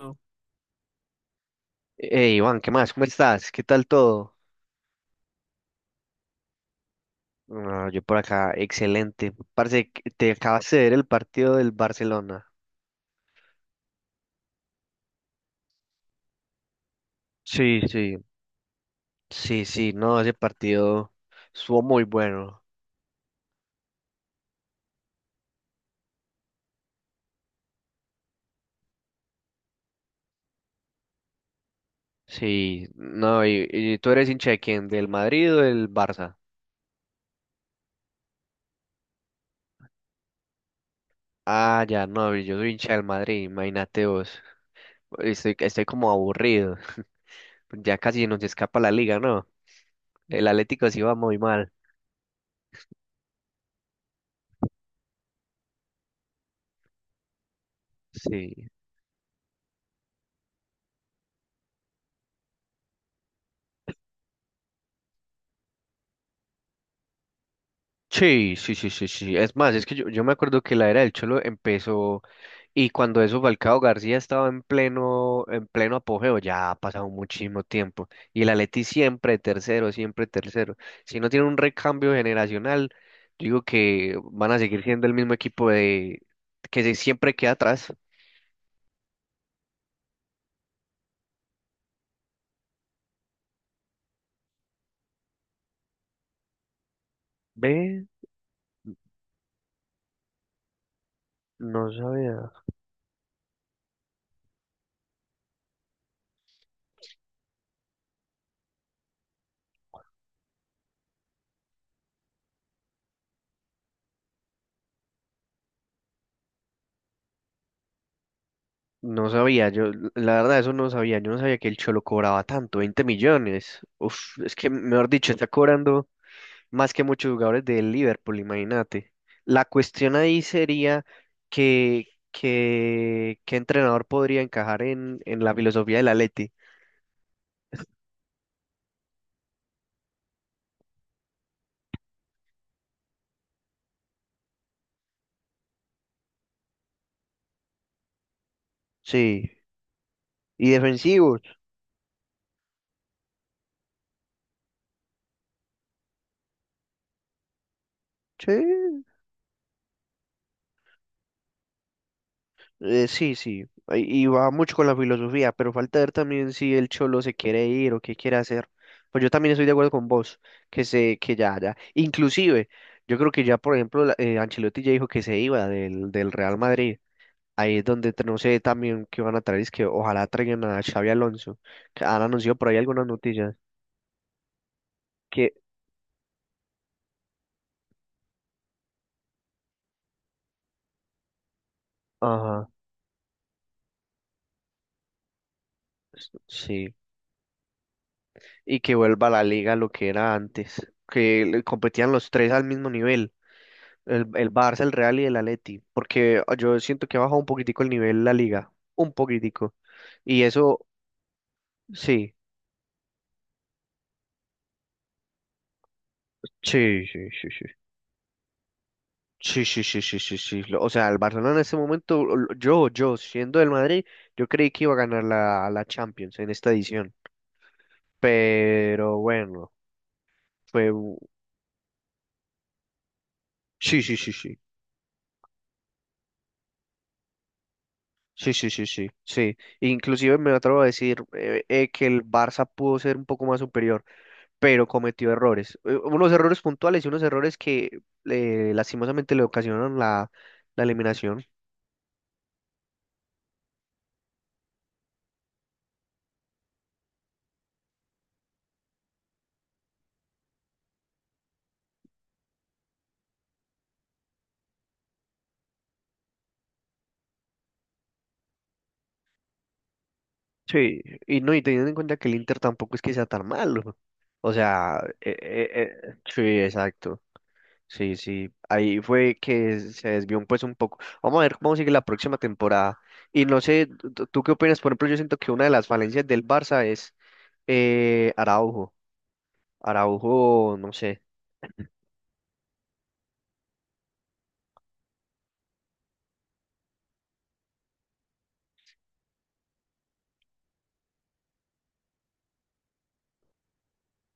No. Hey, Iván, ¿qué más? ¿Cómo estás? ¿Qué tal todo? No, yo por acá, excelente. Parece que te acabas de ver el partido del Barcelona. Sí, sí. Sí, sí, no, ese partido estuvo muy bueno. Sí, no, y tú eres hincha de quién, ¿del Madrid o del Barça? Ah, ya, no, yo soy hincha del Madrid, imagínate vos. Estoy como aburrido. Ya casi nos escapa la liga, ¿no? El Atlético sí va muy mal. Sí. Sí, sí, sí, sí, sí. Es más, es que yo me acuerdo que la era del Cholo empezó y cuando eso Falcao García estaba en pleno apogeo, ya ha pasado muchísimo tiempo. Y el Atleti siempre tercero, siempre tercero. Si no tiene un recambio generacional, yo digo que van a seguir siendo el mismo equipo de siempre queda atrás. Ve, no sabía, no sabía, yo la verdad eso no sabía, yo no sabía que el Cholo cobraba tanto, 20 millones. Uf, es que mejor dicho, está cobrando más que muchos jugadores del Liverpool, imagínate. La cuestión ahí sería que, que, qué entrenador podría encajar en la filosofía del Atleti. Sí, y defensivos. Sí, sí, sí. Y va mucho con la filosofía, pero falta ver también si el Cholo se quiere ir o qué quiere hacer. Pues yo también estoy de acuerdo con vos, que se, que ya, ya. Inclusive, yo creo que ya, por ejemplo, Ancelotti ya dijo que se iba del, del Real Madrid. Ahí es donde no sé también qué van a traer, es que ojalá traigan a Xavi Alonso, que han anunciado por ahí algunas noticias, que, ajá, sí, y que vuelva a la liga lo que era antes, que le competían los tres al mismo nivel, el Barça, el Real y el Atleti, porque yo siento que ha bajado un poquitico el nivel la liga, un poquitico, y eso, sí, sí, sí, sí, sí. Sí, sí, sí, sí, sí, sí. O sea, el Barcelona en ese momento, yo, siendo del Madrid, yo creí que iba a ganar la Champions en esta edición. Pero bueno, fue... u- sí, sí, sí, sí. Sí, sí, sí, sí, sí. Inclusive me atrevo a decir que el Barça pudo ser un poco más superior, pero cometió errores. Unos errores puntuales y unos errores que lastimosamente le ocasionaron la eliminación. Sí, y no, y teniendo en cuenta que el Inter tampoco es que sea tan malo. O sea, sí, exacto. Sí, sí. Ahí fue que se desvió un, pues un poco. Vamos a ver cómo sigue la próxima temporada. Y no sé, tú qué opinas? Por ejemplo, yo siento que una de las falencias del Barça es Araujo. Araujo, no sé.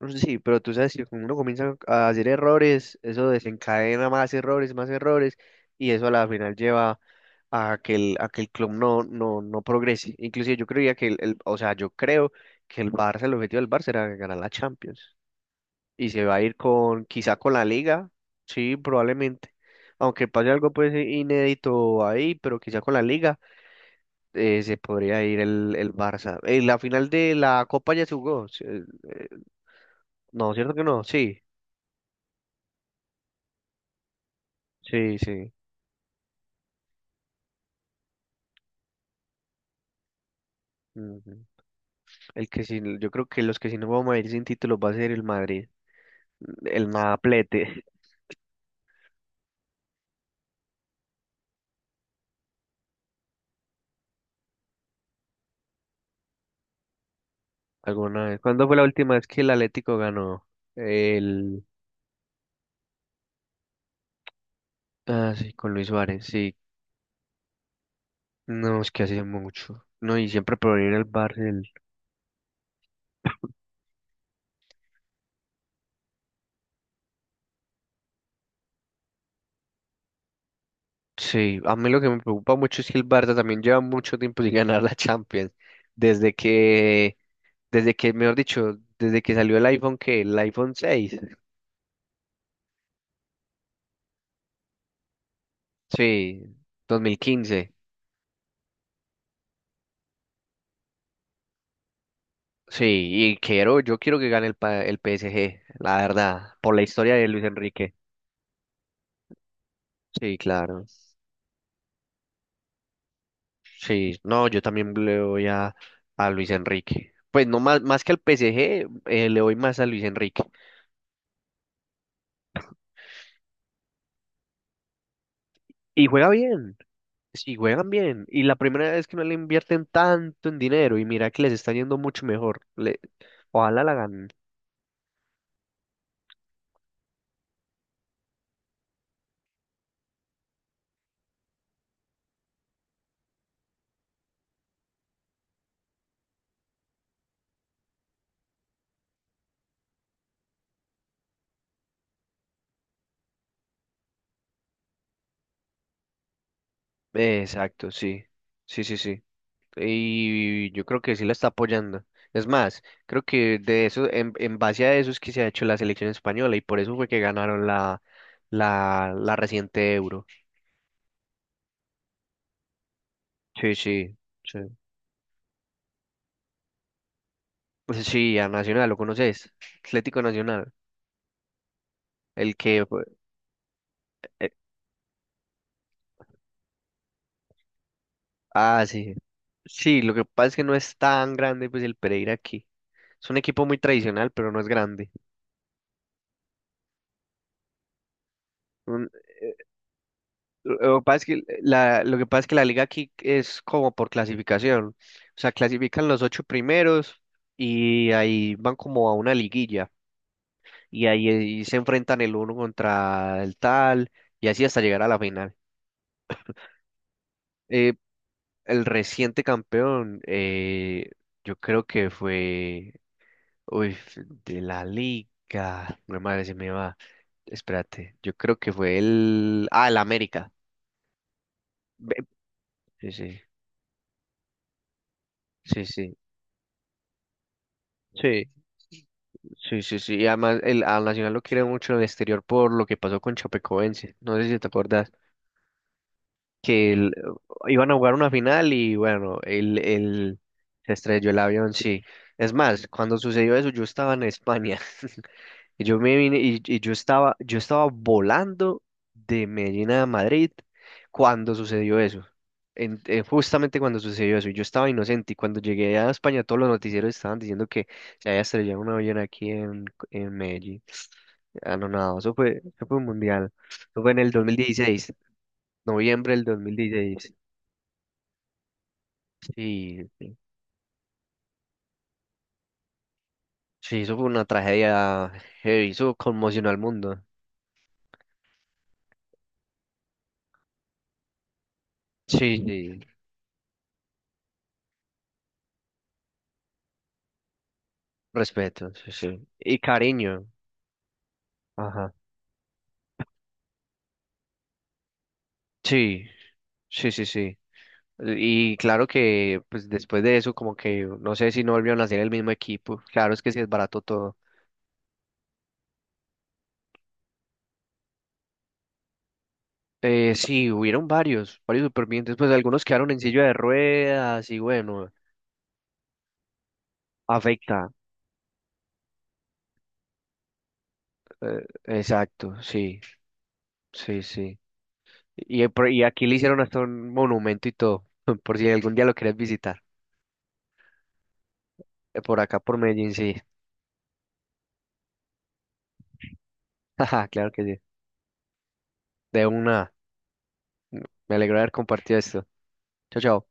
No sé. Sí, pero tú sabes que cuando uno comienza a hacer errores, eso desencadena más errores, y eso a la final lleva a que a que el club no progrese. Inclusive yo creía que o sea, yo creo que el Barça, el objetivo del Barça era ganar la Champions. Y se va a ir con, quizá con la Liga, sí, probablemente. Aunque pase algo pues inédito ahí, pero quizá con la Liga se podría ir el Barça. La final de la Copa ya se jugó. Eh, no, ¿cierto que no? Sí. Sí, sí. Ujú. El que sí, yo creo que los que sí nos vamos a ir sin títulos va a ser el Madrid, el Madaplete. ¿Alguna vez? ¿Cuándo fue la última vez que el Atlético ganó? El... Ah, sí, con Luis Suárez, sí. No, es que hace mucho. No, y siempre proviene el Barça. Sí, a mí lo que me preocupa mucho es que el Barça también lleva mucho tiempo sin ganar la Champions. Desde que, desde que, mejor dicho, desde que salió el iPhone, que el iPhone 6. Sí, 2015. Sí, y quiero, yo quiero que gane el PSG, la verdad, por la historia de Luis Enrique. Sí, claro. Sí, no, yo también le voy a Luis Enrique. Pues no más, más que al PSG, le doy más a Luis Enrique. Y juega bien, sí, juegan bien. Y la primera vez que no le invierten tanto en dinero y mira que les está yendo mucho mejor. Le, ojalá la ganen. Exacto, sí, sí, sí, sí. Y yo creo que sí la está apoyando. Es más, creo que de eso, en base a eso es que se ha hecho la selección española y por eso fue que ganaron la reciente Euro. Sí, sí, sí. Pues sí, a Nacional, ¿lo conoces? Atlético Nacional, el que... fue- eh, ah, sí. Sí, lo que pasa es que no es tan grande pues el Pereira aquí. Es un equipo muy tradicional, pero no es grande. Lo que pasa es que lo que pasa es que la liga aquí es como por clasificación. O sea, clasifican los 8 primeros y ahí van como a una liguilla. Y ahí se enfrentan el uno contra el tal y así hasta llegar a la final. Eh, el reciente campeón, yo creo que fue... Uy, de la liga. Mi madre se me va. Espérate, yo creo que fue el... Ah, el América. Ve- Sí, sí, sí, sí. Sí. Sí, sí, sí. Y además al Nacional lo quiere mucho en el exterior por lo que pasó con Chapecoense. No sé si te acuerdas que iban a jugar una final y bueno, se estrelló el avión, sí. Es más, cuando sucedió eso yo estaba en España. Y yo me vine y, yo estaba volando de Medellín a Madrid cuando sucedió eso. Justamente cuando sucedió eso, y yo estaba inocente y cuando llegué a España todos los noticieros estaban diciendo que se había estrellado un avión aquí en Medellín. Ah, no, no, eso fue un mundial. Eso fue en el dos mil dieciséis, noviembre del 2016. Sí, sí, sí, eso fue una tragedia heavy, eso conmocionó al mundo. Sí, sí, respeto, sí, sí. Y cariño. Ajá. Sí, sí, sí, sí. Y claro que pues después de eso como que no sé si no volvieron a ser el mismo equipo. Claro, es que sí es barato todo. Sí, hubieron varios, varios supervivientes, pues algunos quedaron en silla de ruedas y bueno, afecta. Exacto, sí, sí, sí. Y, y aquí le hicieron hasta un monumento y todo, por si algún día lo quieres visitar. Por acá, por Medellín, sí. Jaja, claro que sí. De una, me alegro de haber compartido esto. Chao, chao.